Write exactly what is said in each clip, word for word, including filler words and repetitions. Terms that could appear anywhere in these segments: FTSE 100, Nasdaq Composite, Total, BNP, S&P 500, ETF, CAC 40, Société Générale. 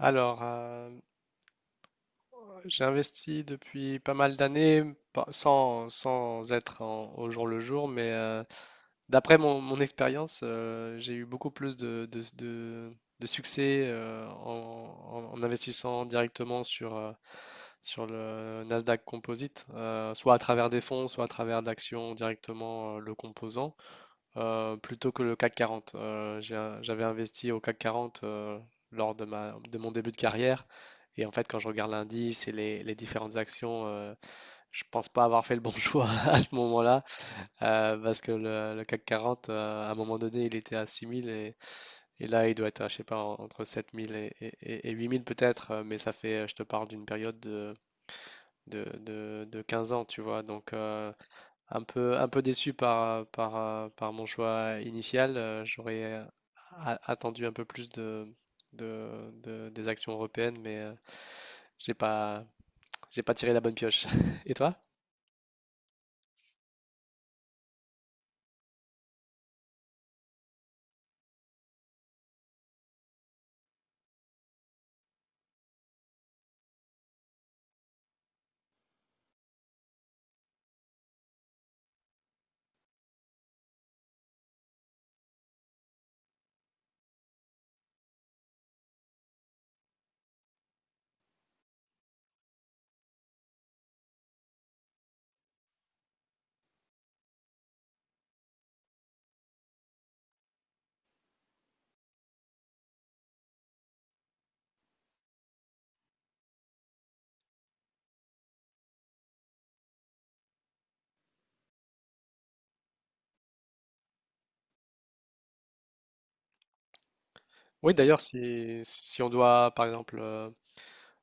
Alors, euh, j'ai investi depuis pas mal d'années, pas- sans, sans être en- au jour le jour, mais euh, d'après mon, mon expérience, euh, j'ai eu beaucoup plus de, de- de- de succès euh, en, en- en investissant directement sur, euh, sur le Nasdaq Composite, euh, soit à travers des fonds, soit à travers d'actions directement, euh, le composant, euh, plutôt que le C A C quarante. Euh, j'ai un- j'avais investi au C A C quarante, euh, lors de ma, de mon début de carrière. Et en fait, quand je regarde l'indice et les, les différentes actions, euh, je pense pas avoir fait le bon choix à ce moment-là, euh, parce que le, le C A C quarante, euh, à un moment donné, il était à six mille et, et là, il doit être à, je sais pas, en- entre sept mille et, et, et- et huit mille peut-être, euh, mais ça fait, euh, je te parle d'une période de, de, de, de quinze ans, tu vois. Donc, euh, un peu, un peu déçu par, par, euh, par mon choix initial. Euh, J'aurais euh, a- attendu un peu plus de, de, de- des actions européennes, mais euh, j'ai pas, j'ai pas tiré la bonne pioche. Et toi? Oui, d'ailleurs, si, si on doit, par exemple, euh,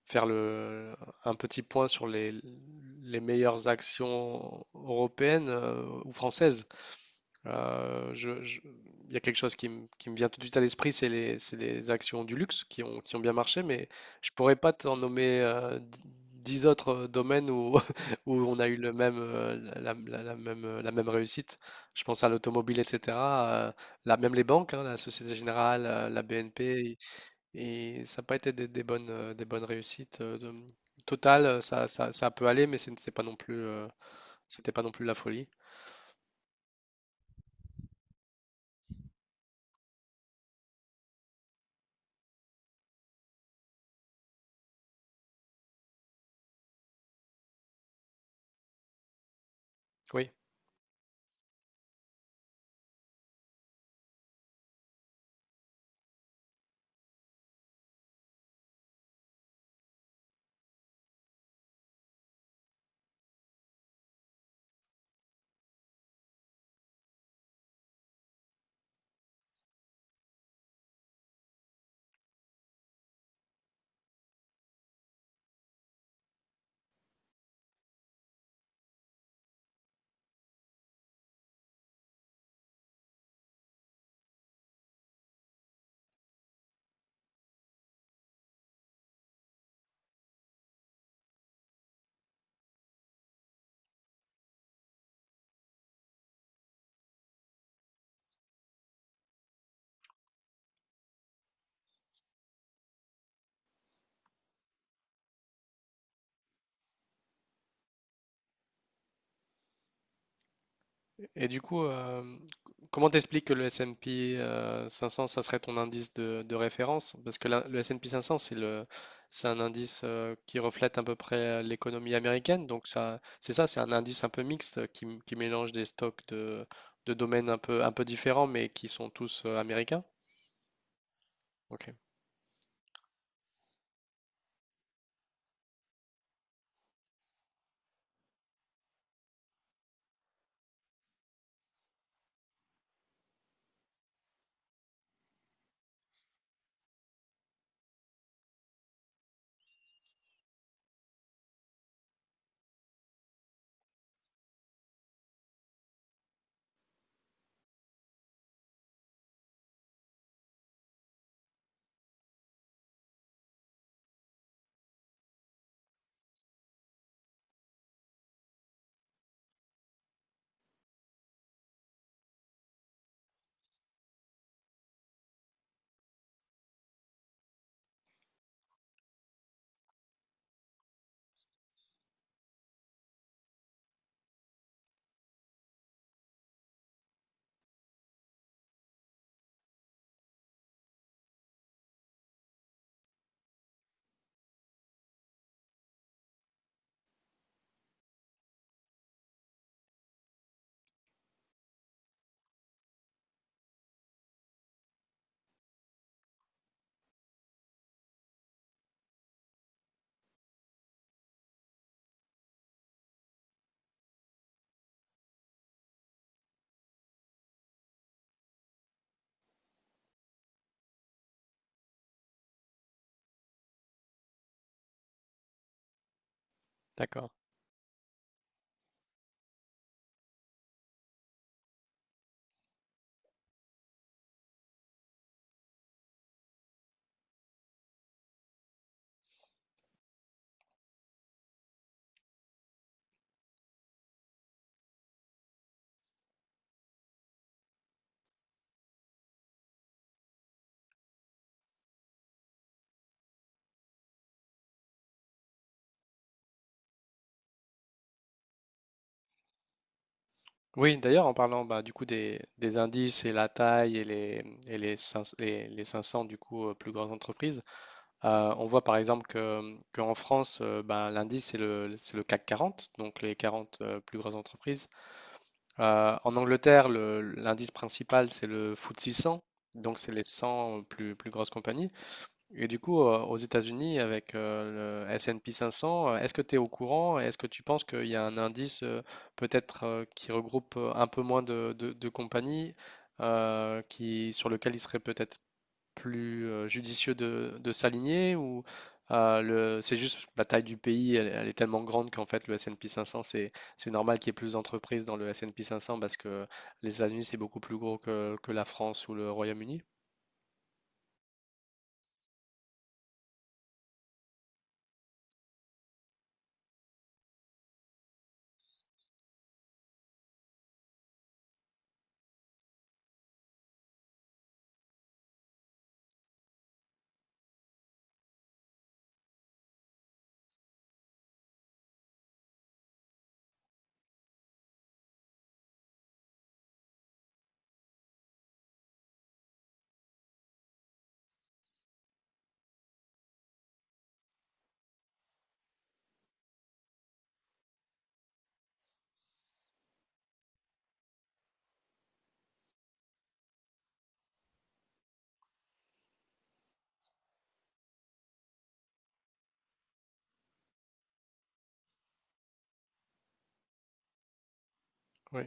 faire le, un petit point sur les, les meilleures actions européennes, euh, ou françaises. Euh, je- je- Il y a quelque chose qui, me qui me vient tout de suite à l'esprit, c'est les, c'est les actions du luxe qui ont, qui ont bien marché, mais je pourrais pas t'en nommer euh, d- dix autres euh, domaines où, où on a eu le même, euh, la, la- la même, la même réussite. Je pense à l'automobile, et cetera euh, là, même les banques, hein, la Société Générale, euh, la B N P, et ça n'a pas été des, des bonnes, euh, des bonnes réussites. euh, de- Total, euh, ça, ça, ça peut aller, mais ce n'était pas non plus, euh, c'était pas non plus la folie. Oui. Et du coup, euh, comment t'expliques que le S et P euh, cinq cents, ça serait ton indice de, de référence? Parce que la- le S et P cinq cents, c'est le, c'est un indice, euh, qui reflète à peu près l'économie américaine. Donc ça, c'est ça, c'est un indice un peu mixte, euh, qui, m- qui mélange des stocks de, de domaines un peu, un peu différents, mais qui sont tous euh, américains. Ok, d'accord. Oui, d'ailleurs, en parlant, bah, du coup, des, des indices et la taille, et les, et les, cinq cents, les- les cinq cents, du coup, euh, plus grandes entreprises. Euh, on voit par exemple que, qu'en France, euh, bah, l'indice, c'est le, c'est le C A C quarante, donc les quarante, euh, plus grosses entreprises. Euh, en Angleterre, le- l'indice principal, c'est le F T S E cent, donc c'est les cent plus, plus grosses compagnies. Et du coup, euh, aux États-Unis, avec euh, le S et P cinq cents, euh, est-ce que tu es au courant? Et est-ce que tu penses qu'il y a un indice, euh, peut-être, euh, qui regroupe euh, un peu moins de, de- de compagnies, euh, qui, sur lequel il serait peut-être plus euh, judicieux de, de s'aligner, ou euh, le, c'est juste la taille du pays, elle, elle est tellement grande qu'en fait le S P cinq cents, c'est, c'est normal qu'il y ait plus d'entreprises dans le S P cinq cents, parce que les États-Unis, c'est beaucoup plus gros que, que la France ou le Royaume-Uni. Oui,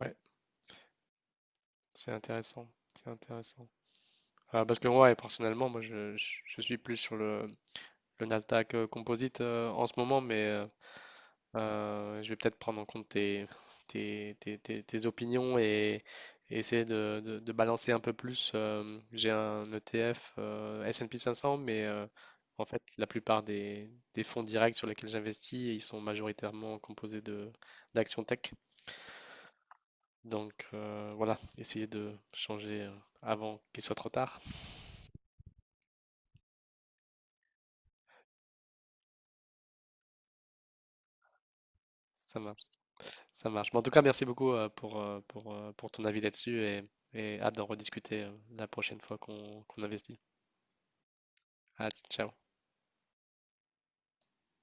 ouais, c'est intéressant. C'est intéressant. Euh, parce que ouais, personnellement, moi, je, je- je suis plus sur le, le Nasdaq euh, Composite, euh, en ce moment, mais euh, euh, je vais peut-être prendre en compte tes, tes, tes- tes- tes opinions et, et essayer de, de- de balancer un peu plus. euh, j'ai un E T F, euh, S et P cinq cents, mais euh, en fait, la plupart des, des fonds directs sur lesquels j'investis, ils sont majoritairement composés de d'actions tech. Donc, euh, voilà, essayer de changer euh, avant qu'il soit trop tard. Ça marche. Ça marche. Mais en tout cas, merci beaucoup, euh, pour, euh, pour, euh, pour ton avis là-dessus et, et hâte d'en rediscuter euh, la prochaine fois qu'on qu'on investit. Ah, ciao.